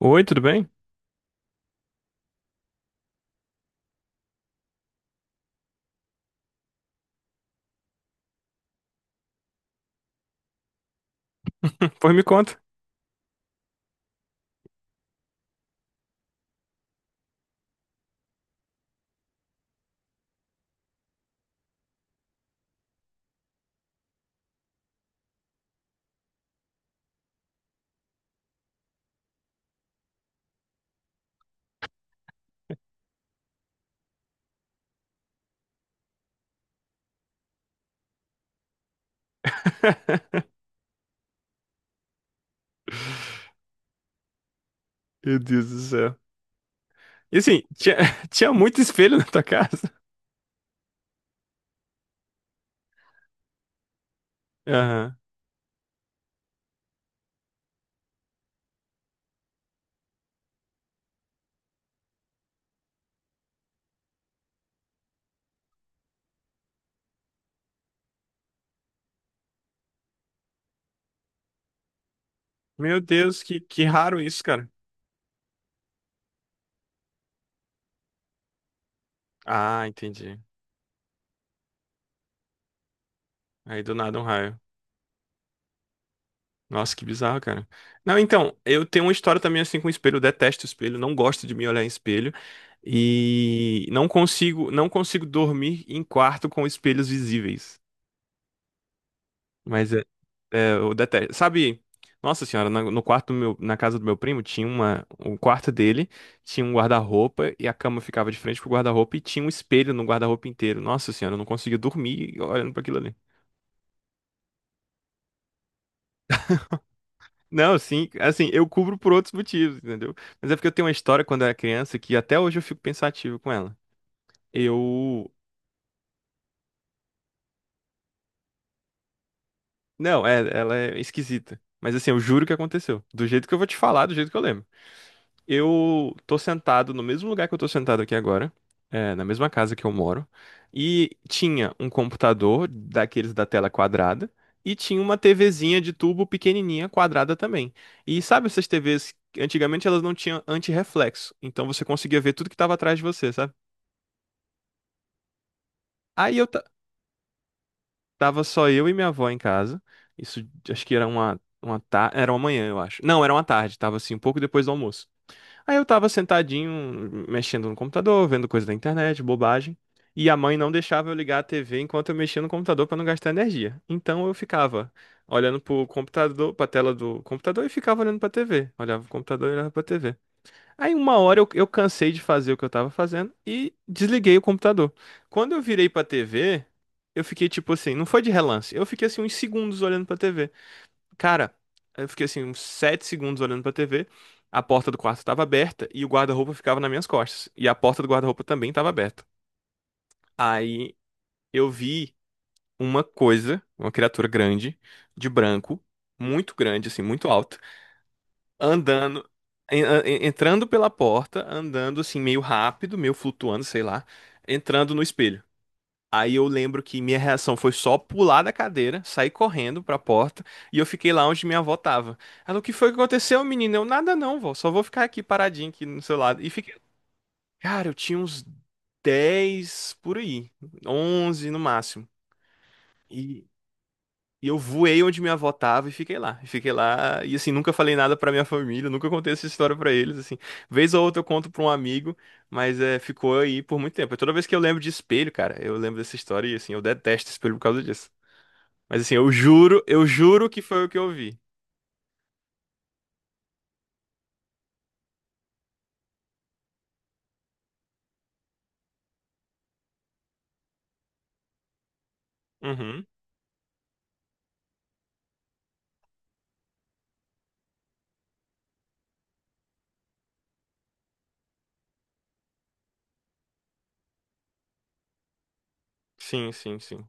Oi, tudo bem? Pois me conta. Meu Deus do céu. E assim, tinha, tinha muito espelho na tua casa? Aham. Meu Deus, que raro isso, cara. Ah, entendi. Aí do nada um raio. Nossa, que bizarro, cara. Não, então, eu tenho uma história também assim com espelho. Eu detesto espelho, não gosto de me olhar em espelho. E não consigo dormir em quarto com espelhos visíveis. Mas eu detesto. Sabe, nossa senhora, no quarto do meu, na casa do meu primo o quarto dele tinha um guarda-roupa e a cama ficava de frente pro guarda-roupa e tinha um espelho no guarda-roupa inteiro. Nossa senhora, eu não conseguia dormir olhando pra aquilo ali. Não, assim, eu cubro por outros motivos, entendeu? Mas é porque eu tenho uma história quando eu era criança que até hoje eu fico pensativo com ela. Eu, não, ela é esquisita. Mas assim, eu juro que aconteceu. Do jeito que eu vou te falar, do jeito que eu lembro. Eu tô sentado no mesmo lugar que eu tô sentado aqui agora, na mesma casa que eu moro, e tinha um computador daqueles da tela quadrada e tinha uma TVzinha de tubo pequenininha quadrada também. E sabe essas TVs, antigamente elas não tinham antirreflexo, então você conseguia ver tudo que tava atrás de você, sabe? Aí eu tava só eu e minha avó em casa. Isso, acho que era uma manhã, eu acho. Não, era uma tarde, tava assim um pouco depois do almoço. Aí eu tava sentadinho, mexendo no computador, vendo coisa da internet, bobagem. E a mãe não deixava eu ligar a TV enquanto eu mexia no computador pra não gastar energia. Então eu ficava olhando pro computador, pra tela do computador, e ficava olhando pra TV. Olhava pro computador e olhava pra TV. Aí uma hora eu cansei de fazer o que eu tava fazendo e desliguei o computador. Quando eu virei pra TV, eu fiquei tipo assim, não foi de relance, eu fiquei assim uns segundos olhando pra TV. Cara, eu fiquei assim uns 7 segundos olhando pra TV. A porta do quarto tava aberta e o guarda-roupa ficava nas minhas costas. E a porta do guarda-roupa também tava aberta. Aí eu vi uma coisa, uma criatura grande, de branco, muito grande, assim, muito alto, andando, entrando pela porta, andando assim, meio rápido, meio flutuando, sei lá, entrando no espelho. Aí eu lembro que minha reação foi só pular da cadeira, sair correndo pra porta, e eu fiquei lá onde minha avó tava. Ela: o que foi que aconteceu, menina? Eu: nada não, vó, só vou ficar aqui paradinho aqui no seu lado. E fiquei, cara, eu tinha uns 10 por aí, 11 no máximo. E, e eu voei onde minha avó tava e fiquei lá. E fiquei lá e assim, nunca falei nada pra minha família, nunca contei essa história pra eles, assim. Vez ou outra eu conto pra um amigo, mas ficou aí por muito tempo. E toda vez que eu lembro de espelho, cara, eu lembro dessa história, e assim, eu detesto espelho por causa disso. Mas assim, eu juro que foi o que eu vi. Uhum. Sim, sim, sim.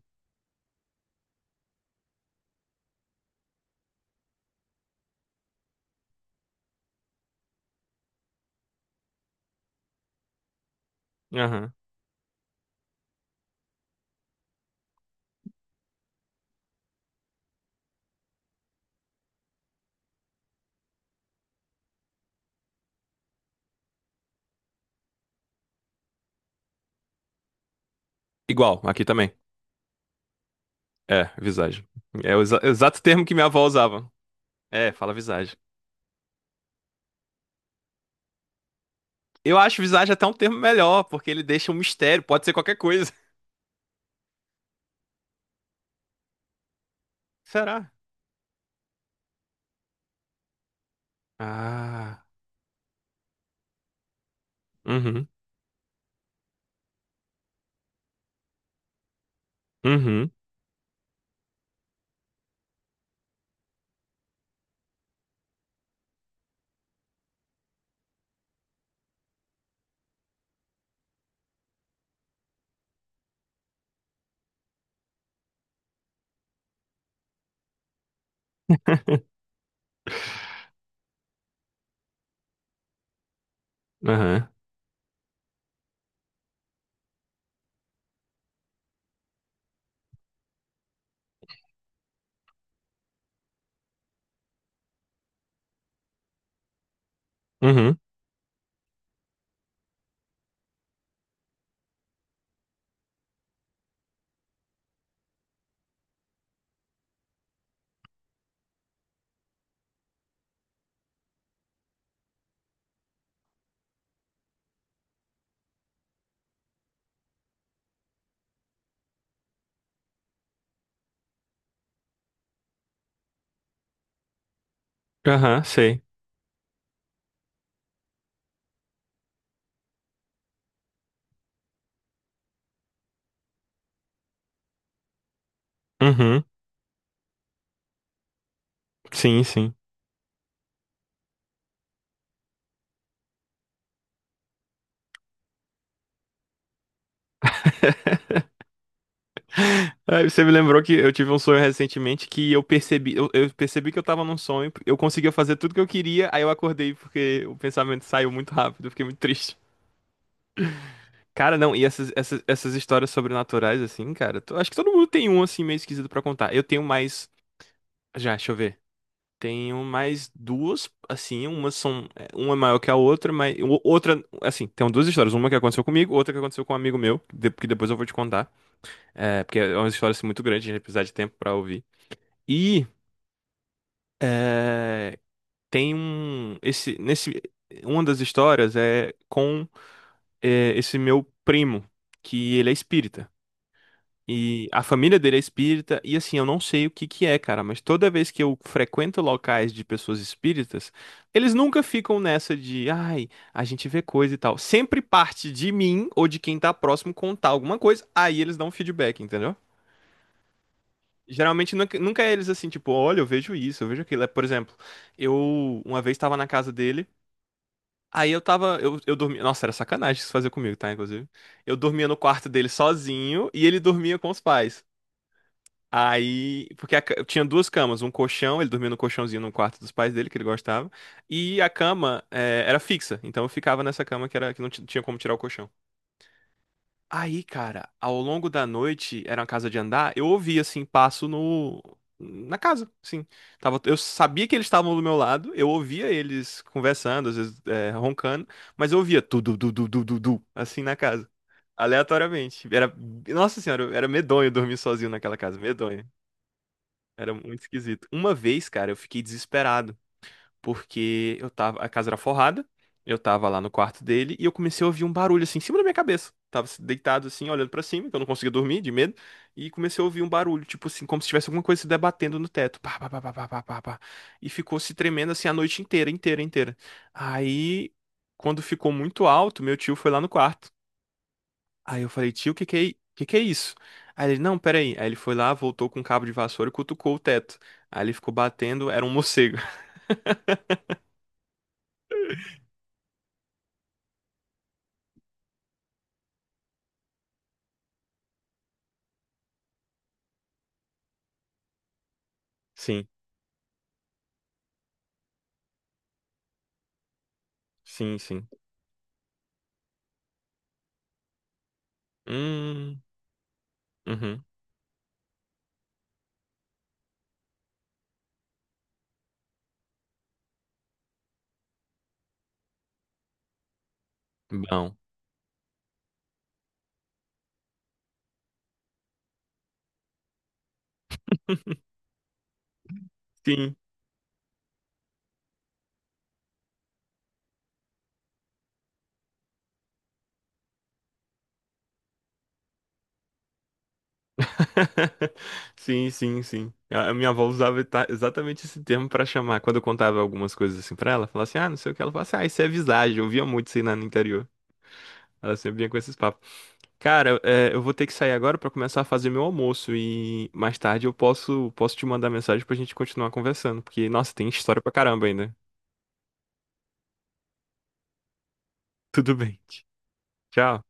Aham. Igual, aqui também. É, visagem. É o exato termo que minha avó usava. É, fala visagem. Eu acho visagem até um termo melhor, porque ele deixa um mistério, pode ser qualquer coisa. Será? Ah. Uhum. Uhum. Aham. Uhum. Aham, sei. Uhum. Sim, sim. Aí você me lembrou que eu tive um sonho recentemente que eu percebi, eu percebi que eu tava num sonho, eu conseguia fazer tudo que eu queria, aí eu acordei porque o pensamento saiu muito rápido, eu fiquei muito triste. Cara, não, e essas histórias sobrenaturais, assim, cara, acho que todo mundo tem um, assim, meio esquisito pra contar. Eu tenho mais, já, deixa eu ver, tenho mais duas, assim, umas são, uma é maior que a outra, mas, outra, assim, tem duas histórias, uma que aconteceu comigo, outra que aconteceu com um amigo meu, que depois eu vou te contar, é, porque é uma história, assim, muito grande, a gente vai precisar de tempo pra ouvir. E É, tem um esse nesse Uma das histórias é com esse meu primo, que ele é espírita e a família dele é espírita. E assim, eu não sei o que que é, cara, mas toda vez que eu frequento locais de pessoas espíritas, eles nunca ficam nessa de, ai, a gente vê coisa e tal. Sempre parte de mim ou de quem tá próximo contar alguma coisa, aí eles dão um feedback, entendeu? Geralmente nunca, nunca é eles assim, tipo, olha, eu vejo isso, eu vejo aquilo. Por exemplo, eu uma vez estava na casa dele. Aí eu tava, eu dormia, nossa, era sacanagem isso fazer comigo, tá, inclusive. Eu dormia no quarto dele sozinho e ele dormia com os pais. Aí, porque a eu tinha duas camas, um colchão, ele dormia no colchãozinho no quarto dos pais dele, que ele gostava, e a cama era fixa, então eu ficava nessa cama que era, que não tinha como tirar o colchão. Aí, cara, ao longo da noite, era uma casa de andar, eu ouvi assim passo no na casa, sim. Tava, eu sabia que eles estavam do meu lado, eu ouvia eles conversando, às vezes roncando, mas eu ouvia tu du du du du du du, assim na casa, aleatoriamente. Era, nossa senhora, era medonho dormir sozinho naquela casa, medonho. Era muito esquisito. Uma vez, cara, eu fiquei desesperado porque eu tava, a casa era forrada, eu tava lá no quarto dele e eu comecei a ouvir um barulho assim em cima da minha cabeça. Tava deitado assim, olhando pra cima, que eu não conseguia dormir de medo, e comecei a ouvir um barulho, tipo assim, como se tivesse alguma coisa se debatendo no teto. Pá, pá, pá, pá, pá, pá, pá, pá. E ficou se tremendo assim a noite inteira, inteira, inteira. Aí, quando ficou muito alto, meu tio foi lá no quarto. Aí eu falei: tio, o que que é, que é isso? Aí ele: não, peraí. Aí ele foi lá, voltou com um cabo de vassoura e cutucou o teto. Aí ele ficou batendo, era um morcego. Sim, sim, sim. Hum, uhum, bom. Sim. Sim, sim, sim. A minha avó usava exatamente esse termo pra chamar. Quando eu contava algumas coisas assim pra ela, falava assim: ah, não sei o que. Ela falava assim: ah, isso é visagem. Eu via muito isso aí lá no interior. Ela sempre vinha com esses papos. Cara, eu vou ter que sair agora pra começar a fazer meu almoço. E mais tarde eu posso te mandar mensagem pra gente continuar conversando. Porque, nossa, tem história pra caramba ainda. Tudo bem. Tchau.